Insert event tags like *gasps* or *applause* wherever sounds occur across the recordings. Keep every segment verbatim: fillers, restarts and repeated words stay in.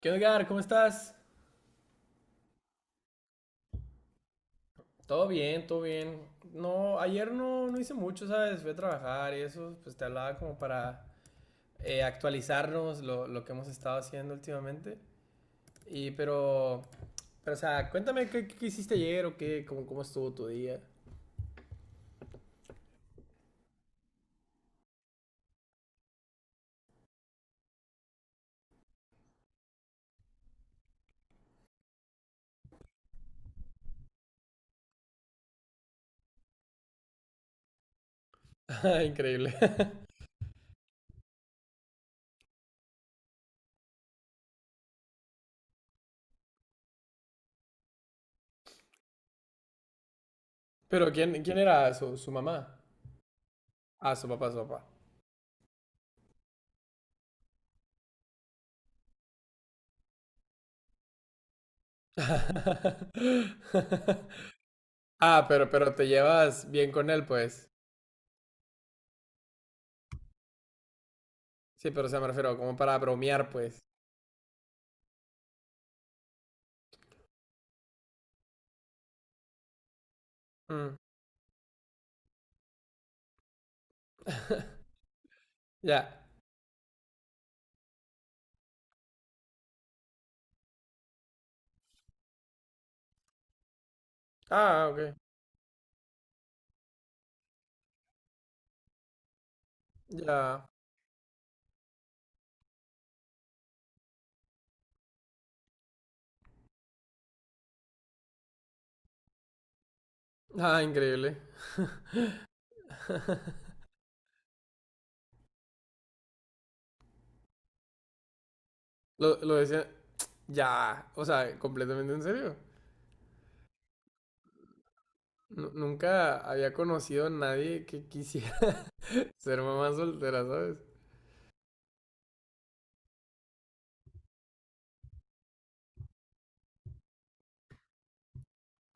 ¿Qué onda, Edgar? ¿Cómo estás? Todo bien, todo bien. No, ayer no, no hice mucho, ¿sabes? Fui a trabajar y eso, pues te hablaba como para eh, actualizarnos lo, lo que hemos estado haciendo últimamente. Y pero, pero o sea, cuéntame qué, qué hiciste ayer o qué, cómo, cómo estuvo tu día. *laughs* Ah, increíble. *laughs* Pero ¿quién, ¿quién era su, su mamá? Ah, su papá, su papá. *laughs* Ah, pero, pero te llevas bien con él, pues. Sí, pero o sea, me refiero como para bromear, pues. Mm, ya. Ah, ok. Ya. Ah, increíble. Lo, lo decía. Ya. O sea, completamente en serio. Nu- nunca había conocido a nadie que quisiera *laughs* ser mamá soltera, ¿sabes?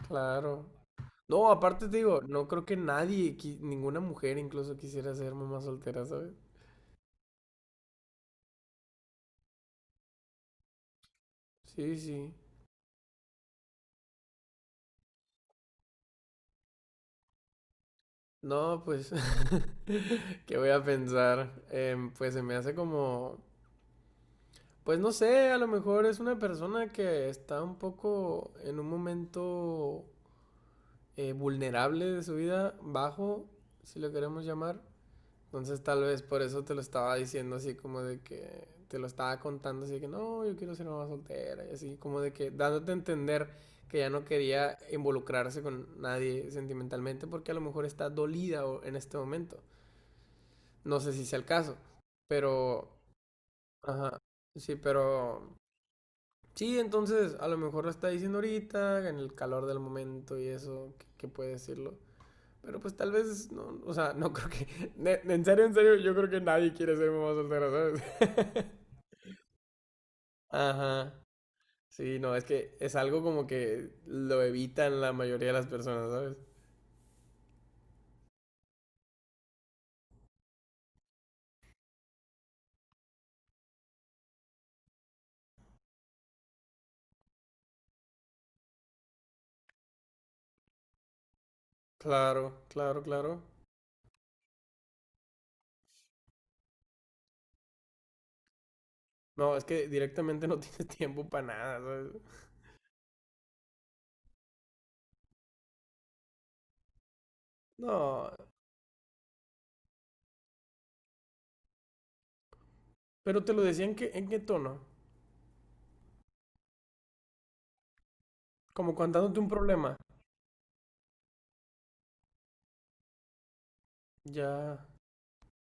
Claro. No, aparte te digo, no creo que nadie, qui- ninguna mujer incluso quisiera ser mamá soltera, ¿sabes? Sí, sí. No, pues, *laughs* ¿qué voy a pensar? Em, pues se me hace como, pues no sé, a lo mejor es una persona que está un poco en un momento eh, vulnerable de su vida, bajo, si lo queremos llamar. Entonces tal vez por eso te lo estaba diciendo así como de que te lo estaba contando así de que no, yo quiero ser mamá soltera y así como de que dándote a entender que ya no quería involucrarse con nadie sentimentalmente porque a lo mejor está dolida en este momento. No sé si sea el caso, pero ajá, sí, pero sí, entonces a lo mejor lo está diciendo ahorita en el calor del momento y eso que, que puede decirlo. Pero pues tal vez, no, o sea, no *laughs* creo que... ne- En serio, en serio, yo creo que nadie quiere ser mamá soltera, ¿sabes? *laughs* Ajá. Sí, no, es que es algo como que lo evitan la mayoría de las personas, ¿sabes? Claro, claro, claro. No, es que directamente no *laughs* tienes tiempo para nada, ¿sabes? No, pero te lo decía en qué, en qué tono. Como contándote un problema. Ya.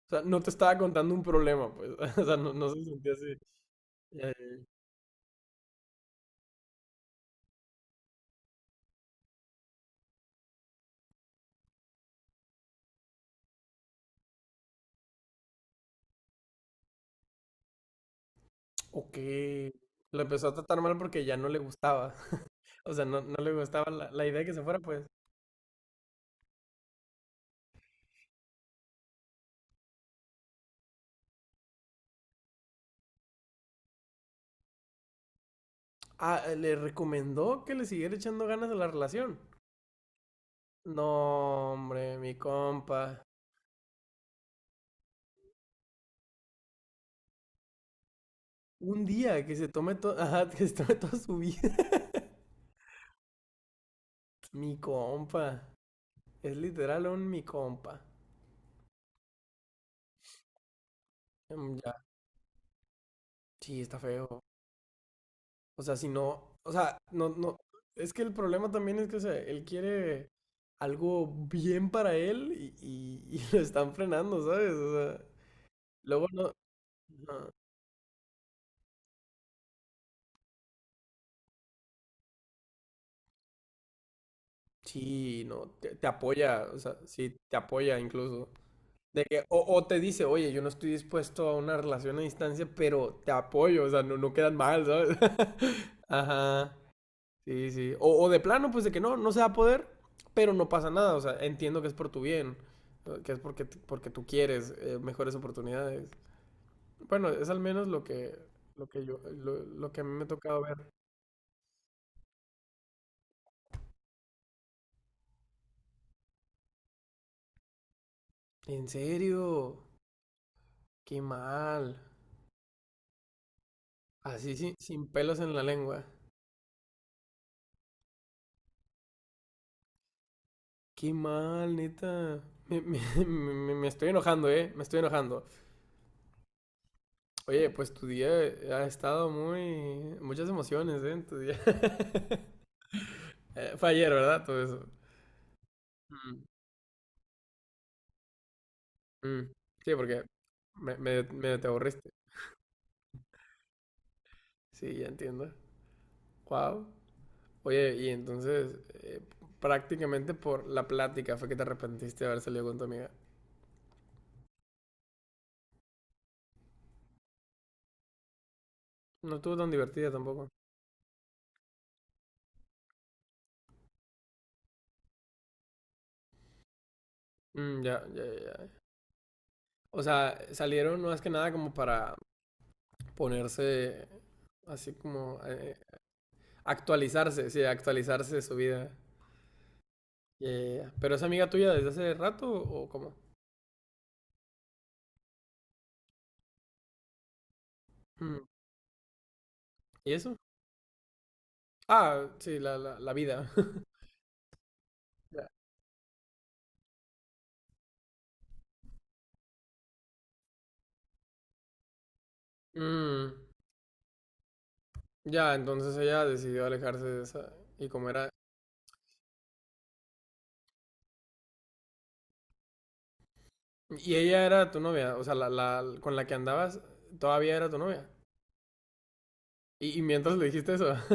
O sea, no te estaba contando un problema, pues. *laughs* O sea, no, no se sentía así. Ya, ya. Ok. Lo empezó a tratar mal porque ya no le gustaba. O sea, no, no le gustaba la, la idea de que se fuera, pues. Ah, eh, le recomendó que le siguiera echando ganas a la relación. No, hombre, mi compa. Un día que se tome, todo *laughs* ajá, que se tome toda su vida. *laughs* Mi compa. Es literal un mi compa. Em, Ya. Sí, está feo. O sea, si no. O sea, no, no. Es que el problema también es que, o sea, él quiere algo bien para él y, y- y *laughs* lo están frenando, ¿sabes? O sea, luego no. No. Sí, no, te, te apoya, o sea, sí, te apoya incluso. De que, o, o te dice, oye, yo no estoy dispuesto a una relación a distancia, pero te apoyo, o sea, no, no quedan mal, ¿sabes? *laughs* Ajá, sí, sí. O, o de plano, pues de que no, no se va a poder, pero no pasa nada, o sea, entiendo que es por tu bien, eh, que es porque, t- porque tú quieres eh, mejores oportunidades. Bueno, es al menos lo que, lo que yo, lo, lo que a mí me ha tocado ver. En serio, qué mal. Así sin, sin pelos en la lengua. Qué mal, neta. Me, me, *laughs* me- me estoy enojando, ¿eh? Me estoy enojando. Oye, pues tu día ha estado muy... Muchas emociones, ¿eh? En tu día. *laughs* Eh, Fue ayer, ¿verdad? Todo eso. Mm, mm. Sí, porque me, me- medio te aburriste. Sí, ya entiendo. Wow. Oye, y entonces, eh, prácticamente por la plática fue que te arrepentiste de haber salido con tu amiga. No estuvo tan divertida tampoco. Mm, ya, ya, ya. Ya. O sea, salieron más que nada como para ponerse así como eh, actualizarse, sí, actualizarse de su vida. Yeah, yeah, yeah. Pero es amiga tuya desde hace rato o cómo? Mm, ¿y eso? Ah, sí, la, la, la vida. *laughs* Ya. Mm, ya, entonces ella decidió alejarse de esa y como era y ella era tu novia, o sea, la, la con la que andabas todavía era tu novia. Y, y mientras le dijiste eso. *laughs*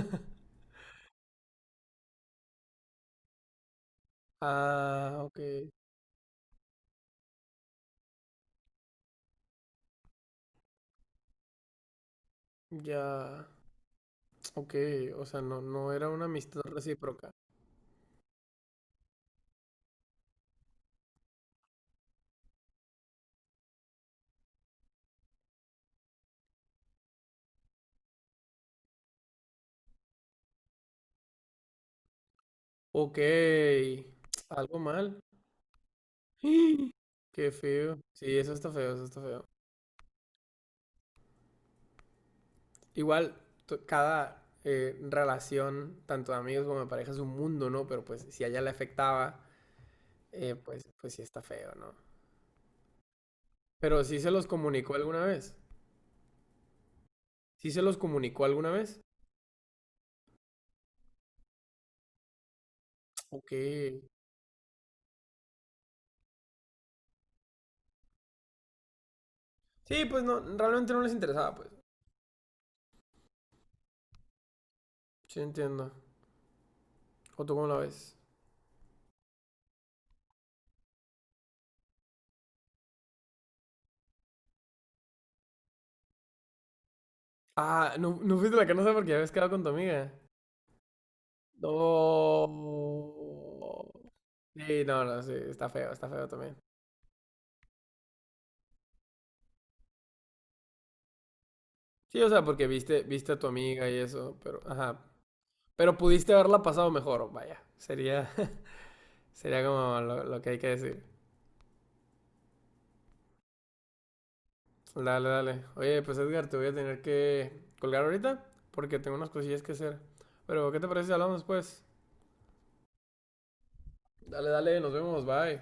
Ah, ok. Ya, ok, o sea, no, no era una amistad recíproca. Ok, algo mal. *gasps* Qué feo. Sí, eso está feo, eso está feo. Igual, to- cada eh, relación, tanto de amigos como de pareja, es un mundo, ¿no? Pero pues si a ella le afectaba, eh, pues, pues sí está feo, ¿no? Pero sí se los comunicó alguna vez. ¿Sí se los comunicó alguna vez? Ok. Sí, pues no, realmente no les interesaba, pues. Sí, entiendo. ¿O tú cómo la ves? Ah, no, no fuiste a la casa porque ya habías quedado con tu amiga. No. Sí, no, no, sí, está feo, está feo también. Sí, o sea, porque viste, viste a tu amiga y eso, pero, ajá. Pero pudiste haberla pasado mejor, vaya. Sería, *laughs* sería como lo, lo que hay que decir. Dale, dale. Oye, pues Edgar, te voy a tener que colgar ahorita porque tengo unas cosillas que hacer. Pero, ¿qué te parece si hablamos después? Dale, dale, nos vemos, bye.